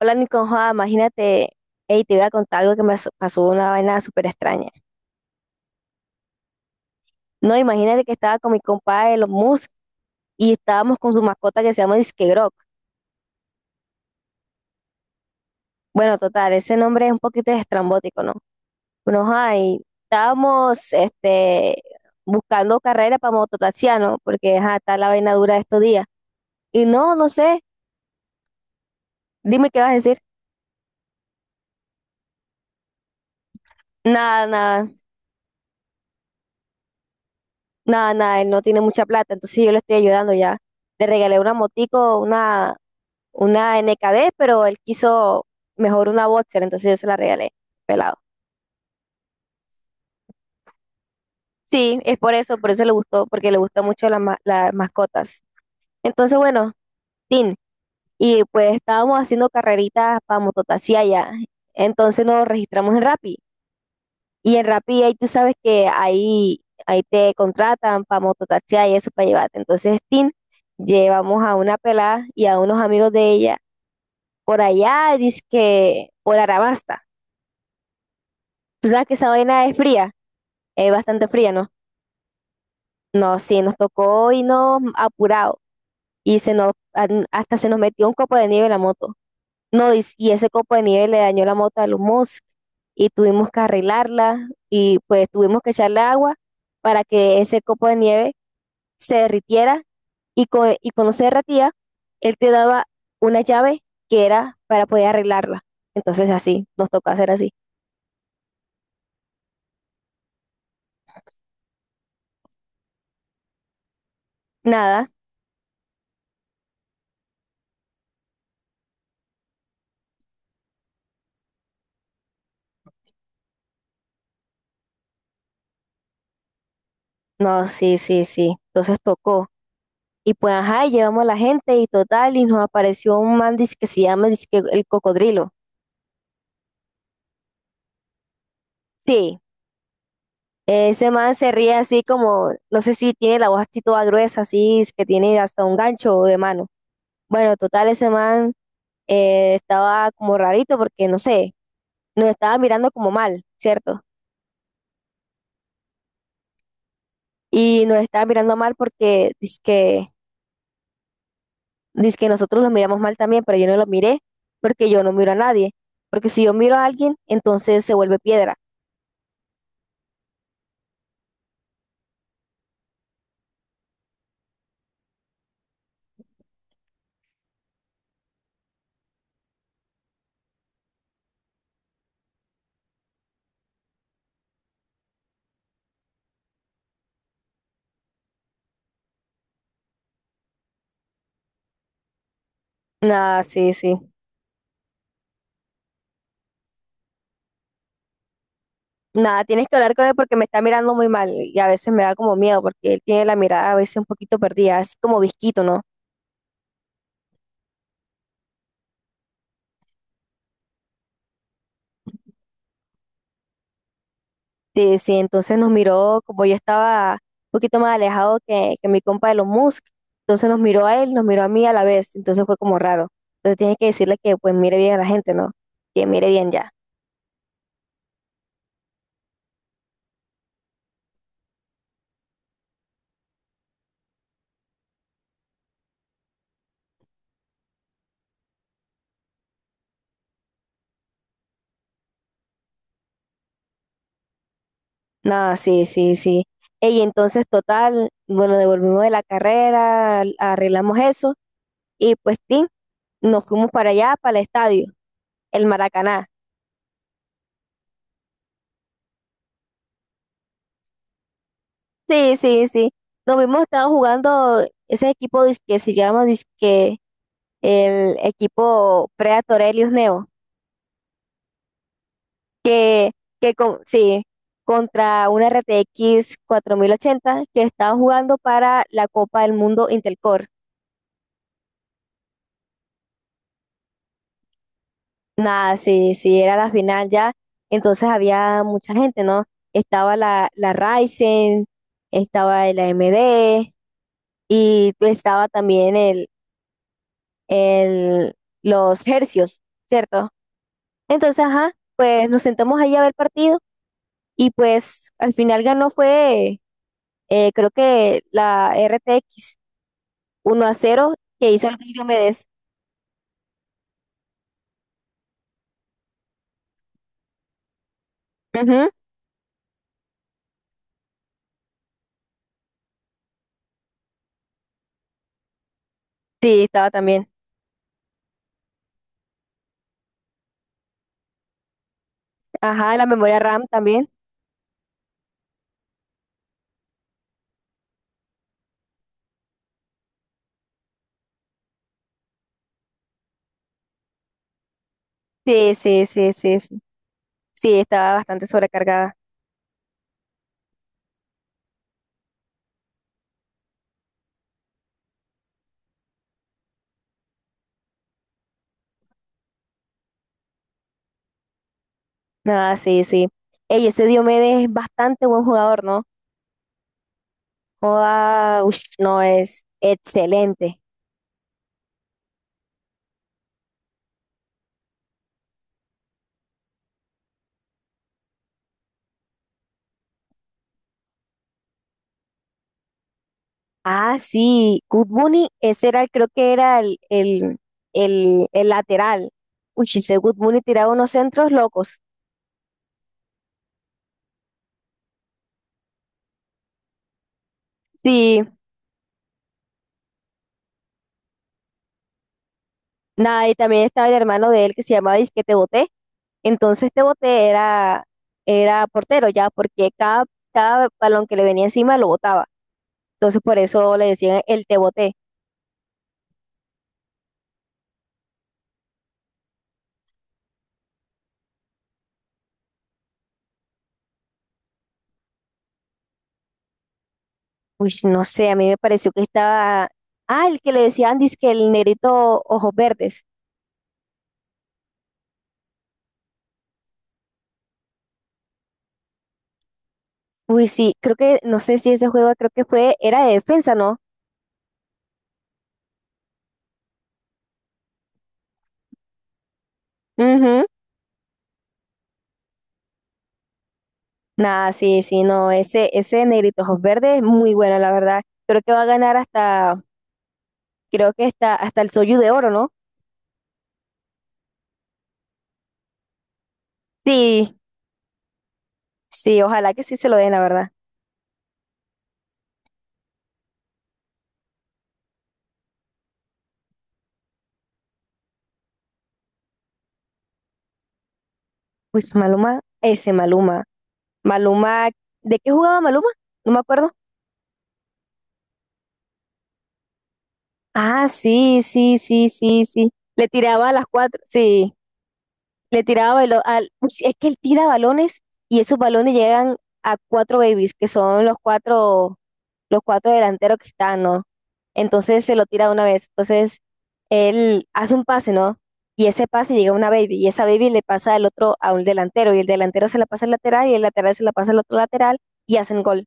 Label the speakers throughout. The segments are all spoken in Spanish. Speaker 1: Hola Niconjoa, imagínate, hey, te voy a contar algo que me pasó una vaina súper extraña. No, imagínate que estaba con mi compadre los Musk y estábamos con su mascota que se llama Disque Grok. Bueno, total, ese nombre es un poquito estrambótico, ¿no? Bueno, ajá, y estábamos buscando carrera para mototaxiano, porque ajá, está la vaina dura de estos días. Y no, no sé, dime qué vas a decir. Nada, nada, nada, nada, él no tiene mucha plata, entonces yo le estoy ayudando ya. Le regalé una motico, una NKD, pero él quiso mejor una boxer, entonces yo se la regalé, pelado. Sí, es por eso le gustó, porque le gustan mucho las mascotas. Entonces, bueno, Tin, y pues estábamos haciendo carreritas para mototaxi allá. Entonces nos registramos en Rappi. Y en Rappi ahí tú sabes que ahí te contratan para mototaxi y eso para llevarte. Entonces, Tin, llevamos a una pelada y a unos amigos de ella por allá, dice que por Arabasta. ¿Tú sabes que esa vaina es fría? Bastante fría, ¿no? No, sí, nos tocó irnos apurado y se nos, hasta se nos metió un copo de nieve en la moto. No, y ese copo de nieve le dañó la moto a los Musk y tuvimos que arreglarla, y pues tuvimos que echarle agua para que ese copo de nieve se derritiera y cuando se derretía, él te daba una llave que era para poder arreglarla. Entonces así, nos tocó hacer así. Nada, no, sí, sí, sí. Entonces tocó. Y pues, ajá, y llevamos a la gente y total, y nos apareció un man dizque que se llama dizque el cocodrilo. Sí, ese man se ríe así como, no sé si tiene la voz así toda gruesa, así, es que tiene hasta un gancho de mano. Bueno, total, ese man estaba como rarito porque, no sé, nos estaba mirando como mal, ¿cierto? Y nos estaba mirando mal porque dizque nosotros los miramos mal también, pero yo no lo miré porque yo no miro a nadie. Porque si yo miro a alguien, entonces se vuelve piedra. Nada, sí, sí. Nada, tienes que hablar con él porque me está mirando muy mal y a veces me da como miedo porque él tiene la mirada a veces un poquito perdida, así como visquito, ¿no? Sí, sí, entonces nos miró como yo estaba un poquito más alejado que mi compa de los Musk, entonces nos miró a él, nos miró a mí a la vez, entonces fue como raro. Entonces tienes que decirle que pues mire bien a la gente, ¿no? Que mire bien ya. Nada, sí, sí, sí. Y entonces total, bueno, devolvimos de la carrera, arreglamos eso y pues sí, nos fuimos para allá, para el estadio, el Maracaná. Sí, sí, sí. Nos vimos, estaba jugando ese equipo que se llama disque el equipo Predator Helios Neo, que, que sí, contra una RTX 80 que estaba jugando para la Copa del Mundo Intelcore. Nada, sí, sí, era la final ya, entonces había mucha gente, ¿no? Estaba la Ryzen, estaba el AMD y estaba también el, los Hercios, ¿cierto? Entonces, ajá, pues nos sentamos ahí a ver partido y pues al final ganó fue, creo que la RTX 1-0 que hizo el Diomedes. Ujú. Sí, estaba también. Ajá, la memoria RAM también. Sí, sí, sí, sí, sí. Sí, estaba bastante sobrecargada. Ah, sí, sí. Ey, ese Diomedes es bastante buen jugador, ¿no? Joda, ush, no es excelente. Ah, sí, Good Bunny, ese era, creo que era el lateral. Uy, si ese Good Bunny tiraba unos centros locos. Sí, nada, y también estaba el hermano de él que se llamaba Disque Te Boté. Entonces Te Boté era portero ya, porque cada balón que le venía encima lo botaba. Entonces por eso le decían el Te Boté. Uy, no sé, a mí me pareció que estaba... Ah, el que le decían Disque el negrito ojos verdes. Uy, sí, creo que, no sé si ese juego creo que fue, era de defensa, ¿no? Ujú. Nada, sí, sí, no, ese Negrito Ojos Verdes es muy bueno, la verdad. Creo que va a ganar hasta, creo que hasta el Soyu de Oro, ¿no? Sí, sí, ojalá que sí se lo den, la verdad. Uy, Maluma, ese Maluma. Maluma, ¿de qué jugaba Maluma? No me acuerdo. Ah, sí, sí, sí, sí, sí. Le tiraba a las cuatro, sí. Le tiraba balón al, ush, es que él tira balones y esos balones llegan a cuatro babies, que son los cuatro delanteros que están, ¿no? Entonces se lo tira de una vez. Entonces él hace un pase, ¿no? Y ese pase llega a una baby y esa baby le pasa al otro a un delantero y el delantero se la pasa al lateral y el lateral se la pasa al otro lateral y hacen gol.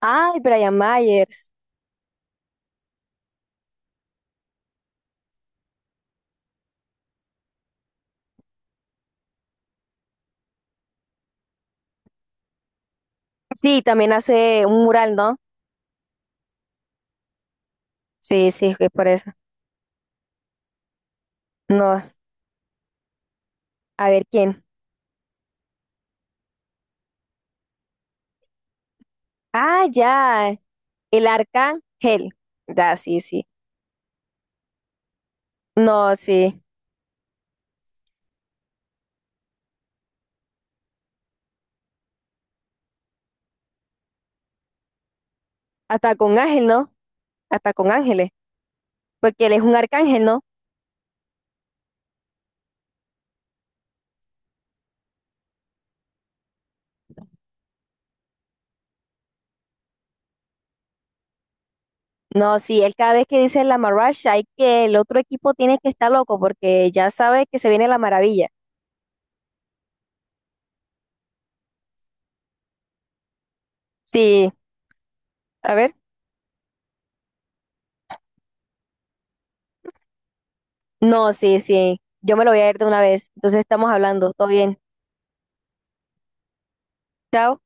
Speaker 1: Ay, Brian Myers. Sí, también hace un mural, ¿no? Sí, sí, es por eso. No, a ver quién. Ah, ya. El arcángel. Ya, sí, sí. No, sí. Hasta con ángel, ¿no? Hasta con ángeles. Porque él es un arcángel, ¿no? No, sí, él cada vez que dice la marrasha hay que el otro equipo tiene que estar loco porque ya sabe que se viene la maravilla. Sí, a ver. No, sí, sí. Yo me lo voy a ir de una vez. Entonces estamos hablando. Todo bien. Chao.